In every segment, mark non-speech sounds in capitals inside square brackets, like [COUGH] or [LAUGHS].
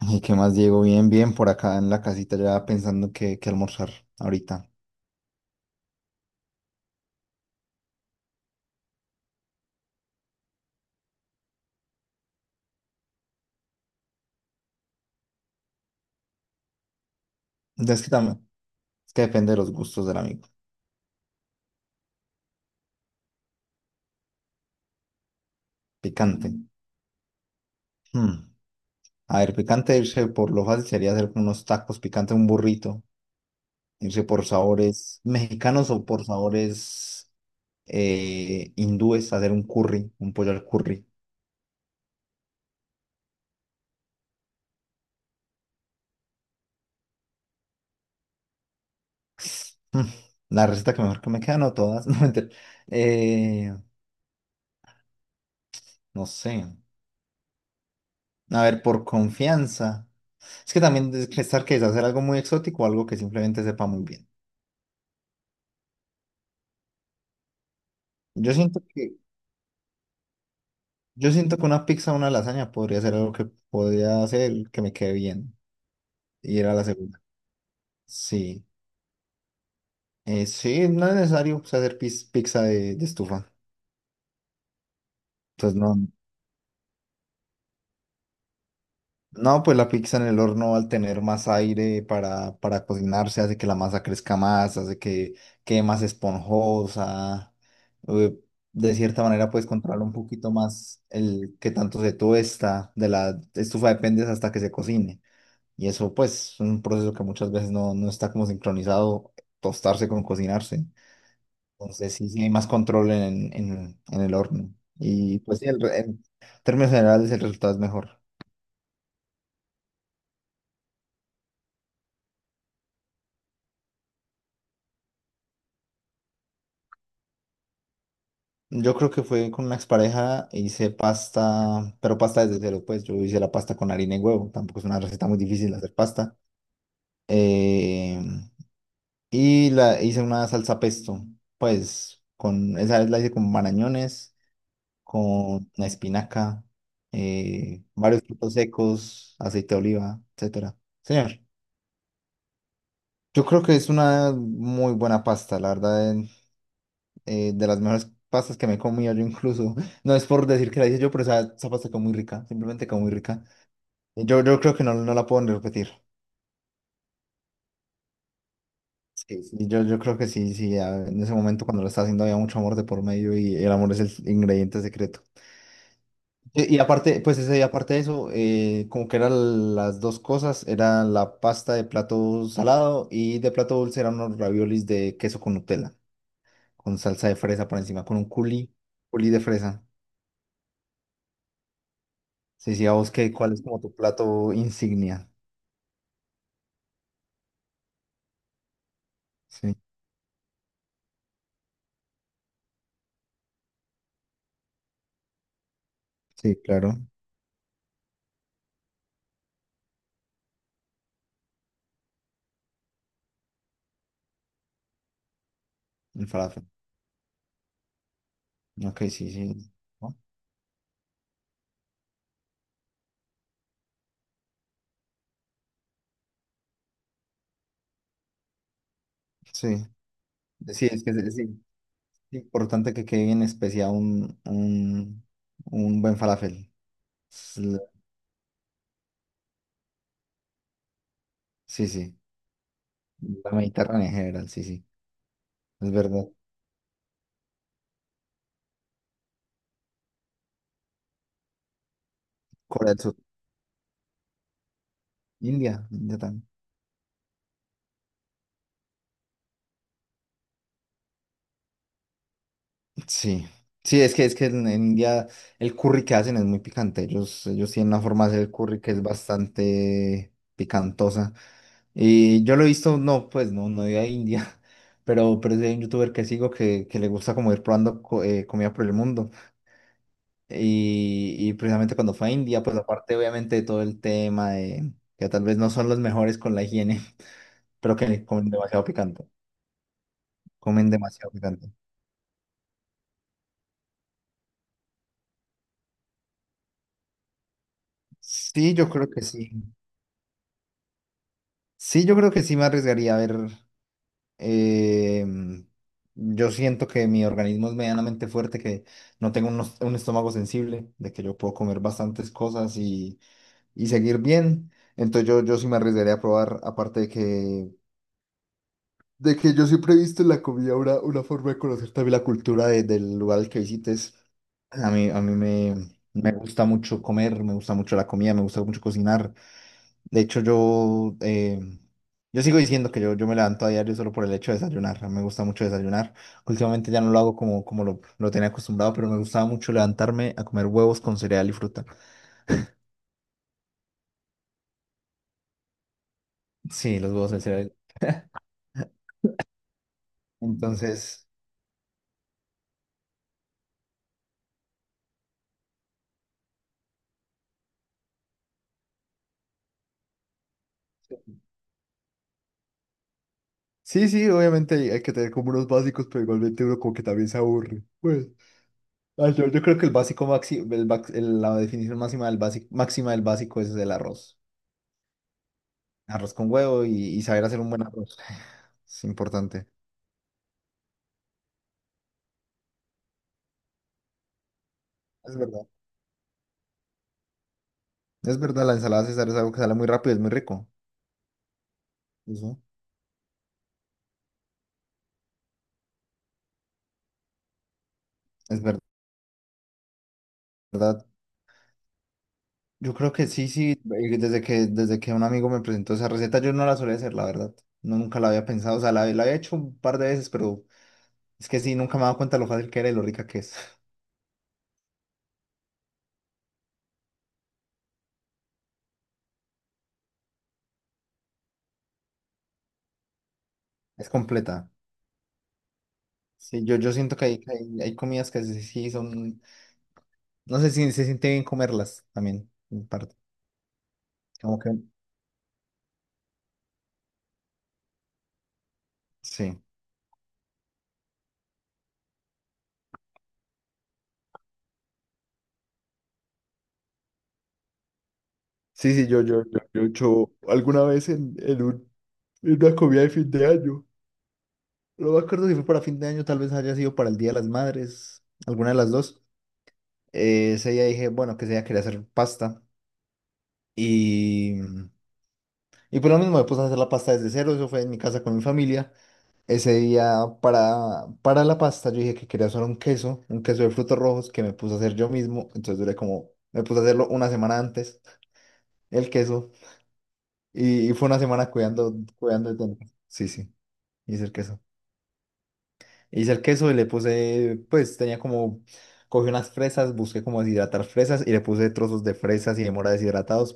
¿Y qué más, Diego? Bien, bien, por acá en la casita ya pensando qué almorzar ahorita. Es que también, es que depende de los gustos del amigo. Picante. Mm. A ver, picante, irse por lo fácil sería hacer con unos tacos, picante un burrito, irse por sabores mexicanos o por sabores hindúes, hacer un curry, un pollo al curry. Mm. La receta que mejor que me queda, no todas, [LAUGHS] no mentira. Eh, no sé. A ver, por confianza. Es que también estar que es hacer algo muy exótico o algo que simplemente sepa muy bien. Yo siento que, yo siento que una pizza o una lasaña podría ser algo que podría hacer que me quede bien. Y era la segunda. Sí. Sí, no es necesario pues, hacer pizza de estufa. Entonces no. No, pues la pizza en el horno, al tener más aire para cocinarse, hace que la masa crezca más, hace que quede más esponjosa. eh, De cierta manera puedes controlar un poquito más el que tanto se tuesta; de la estufa dependes hasta que se cocine. Y eso pues es un proceso que muchas veces no está como sincronizado, tostarse con cocinarse. Entonces sí, sí hay más control en el horno. Y pues sí, en términos generales el resultado es mejor. Yo creo que fue con una expareja, hice pasta, pero pasta desde cero, pues yo hice la pasta con harina y huevo, tampoco es una receta muy difícil hacer pasta. Eh, y la hice una salsa pesto, pues con esa vez la hice con marañones, con una espinaca, varios frutos secos, aceite de oliva, etcétera. Señor, yo creo que es una muy buena pasta, la verdad, de las mejores pastas que me he comido yo incluso. [LAUGHS] No es por decir que la hice yo, pero esa pasta quedó muy rica, simplemente quedó muy rica. Yo creo que no, no la puedo ni repetir. Sí, sí. Y yo creo que sí, sí, en ese momento cuando lo estaba haciendo había mucho amor de por medio y el amor es el ingrediente secreto. Y aparte, y aparte de eso, como que eran las dos cosas, era la pasta de plato salado, y de plato dulce eran unos raviolis de queso con Nutella, con salsa de fresa por encima, con un culi de fresa. Sí, sí, a vos qué, ¿cuál es como tu plato insignia? Sí, sí, claro, el falafel. Ok, sí, sí. ¿No? Sí, sí, es que es, sí, es importante que quede bien especial un buen falafel. Es la- Sí, sí, la Mediterránea en general, sí, sí, es verdad. Corea del Sur, India, India también. Sí, sí, es que en India el curry que hacen es muy picante. Ellos tienen una forma de hacer el curry que es bastante picantosa. Y yo lo he visto, no, pues no, no de a India, [LAUGHS] pero sí hay un youtuber que sigo que le gusta como ir probando comida por el mundo. Y precisamente cuando fue a India, pues aparte obviamente de todo el tema de que tal vez no son los mejores con la higiene, [LAUGHS] pero que comen demasiado picante, comen demasiado picante. Sí, yo creo que sí. Sí, yo creo que sí me arriesgaría a ver. Eh, yo siento que mi organismo es medianamente fuerte, que no tengo un, un estómago sensible, de que yo puedo comer bastantes cosas y seguir bien. Entonces yo sí me arriesgaría a probar, aparte de que yo siempre he visto en la comida una forma de conocer también la cultura del lugar al que visites. A mí me gusta mucho comer, me gusta mucho la comida, me gusta mucho cocinar. De hecho, yo sigo diciendo que yo me levanto a diario solo por el hecho de desayunar. A mí me gusta mucho desayunar. Últimamente ya no lo hago como, lo tenía acostumbrado, pero me gustaba mucho levantarme a comer huevos con cereal y fruta. Sí, los huevos del cereal. Entonces, sí, sí, obviamente hay, hay que tener como unos básicos, pero igualmente uno como que también se aburre. Pues, ah, yo creo que el básico máximo, la definición máxima del básico es el arroz. Arroz con huevo y saber hacer un buen arroz. [LAUGHS] [SIGHS] Es importante. Es verdad. Es verdad, la ensalada César es algo que sale muy rápido, es muy rico. Eso, es verdad. Yo creo que sí, sí, desde que un amigo me presentó esa receta, yo no la solía hacer, la verdad. No, nunca la había pensado, o sea, la había hecho un par de veces, pero es que sí, nunca me he dado cuenta lo fácil que era y lo rica que es. [LAUGHS] Es completa. Sí, yo siento que hay, hay comidas que sí, sí son, no sé si se siente bien comerlas también, en parte. Como que, sí. Sí, sí, yo he hecho alguna vez en una comida de fin de año. Lo me acuerdo si fue para fin de año, tal vez haya sido para el Día de las Madres, alguna de las dos. Ese día dije, bueno, que ese día quería hacer pasta. Y, y por lo mismo, me puse a hacer la pasta desde cero, eso fue en mi casa con mi familia. Ese día para la pasta yo dije que quería hacer un queso de frutos rojos que me puse a hacer yo mismo. Entonces duré como, me puse a hacerlo una semana antes, el queso. Y fue una semana cuidando, cuidando de todo. Sí, sí, hice el queso. Hice el queso y le puse, pues tenía como, cogí unas fresas, busqué cómo deshidratar fresas y le puse trozos de fresas y de mora deshidratados.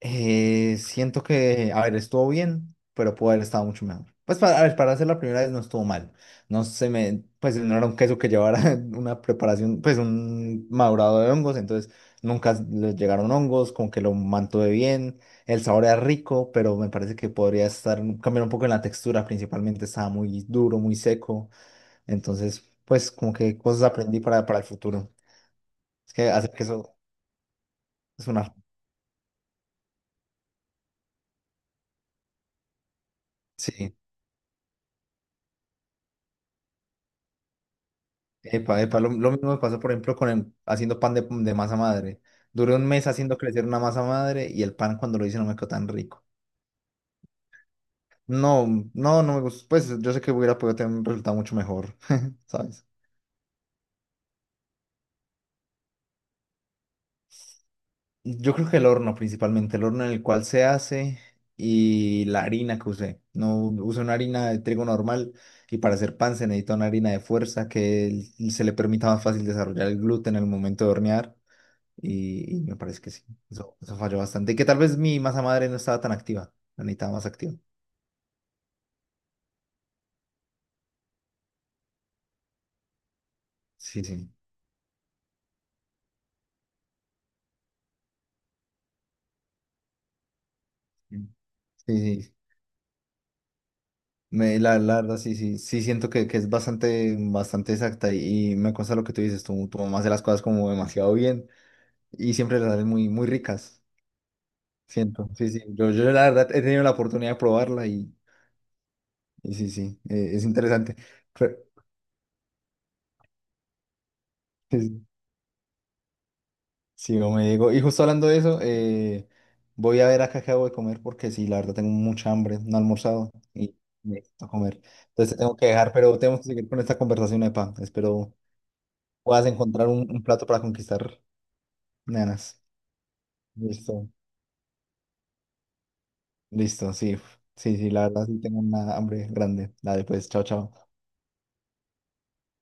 Siento que, a ver, estuvo bien, pero pudo haber estado mucho mejor. Pues para, a ver, para hacer la primera vez no estuvo mal. No se me, pues no era un queso que llevara [LAUGHS] una preparación, pues un madurado de hongos, entonces nunca le llegaron hongos, como que lo mantuve bien. El sabor era rico, pero me parece que podría estar, cambiar un poco en la textura, principalmente estaba muy duro, muy seco. Entonces, pues como que cosas aprendí para el futuro. Es que hacer que eso es una... Sí, epa, epa, lo mismo me pasó, por ejemplo, haciendo pan de masa madre. Duré un mes haciendo crecer una masa madre y el pan cuando lo hice no me quedó tan rico. No, no, no me gustó. Pues yo sé que hubiera podido tener un resultado mucho mejor, [LAUGHS] ¿sabes? Yo creo que el horno principalmente, el horno en el cual se hace y la harina que usé. No usé una harina de trigo normal y para hacer pan se necesita una harina de fuerza que se le permita más fácil desarrollar el gluten en el momento de hornear y me parece que sí, eso falló bastante. Y que tal vez mi masa madre no estaba tan activa, la necesitaba más activa. Sí, sí. Sí, sí, sí. La verdad, sí, sí, sí siento que es bastante, bastante exacta y me consta lo que tú dices, tu mamá hace las cosas como demasiado bien. Y siempre las hacen muy, muy ricas, siento. Sí, sí, yo la verdad he tenido la oportunidad de probarla y sí, sí, es interesante. Pero, sí, sí, como me digo, y justo hablando de eso, voy a ver acá qué hago de comer porque sí, la verdad tengo mucha hambre, no he almorzado y necesito comer. Entonces te tengo que dejar, pero tenemos que seguir con esta conversación, Epa. Espero puedas encontrar un plato para conquistar nenas. Listo, listo, sí, sí, sí, la verdad sí tengo una hambre grande. Dale, pues, chao, chao.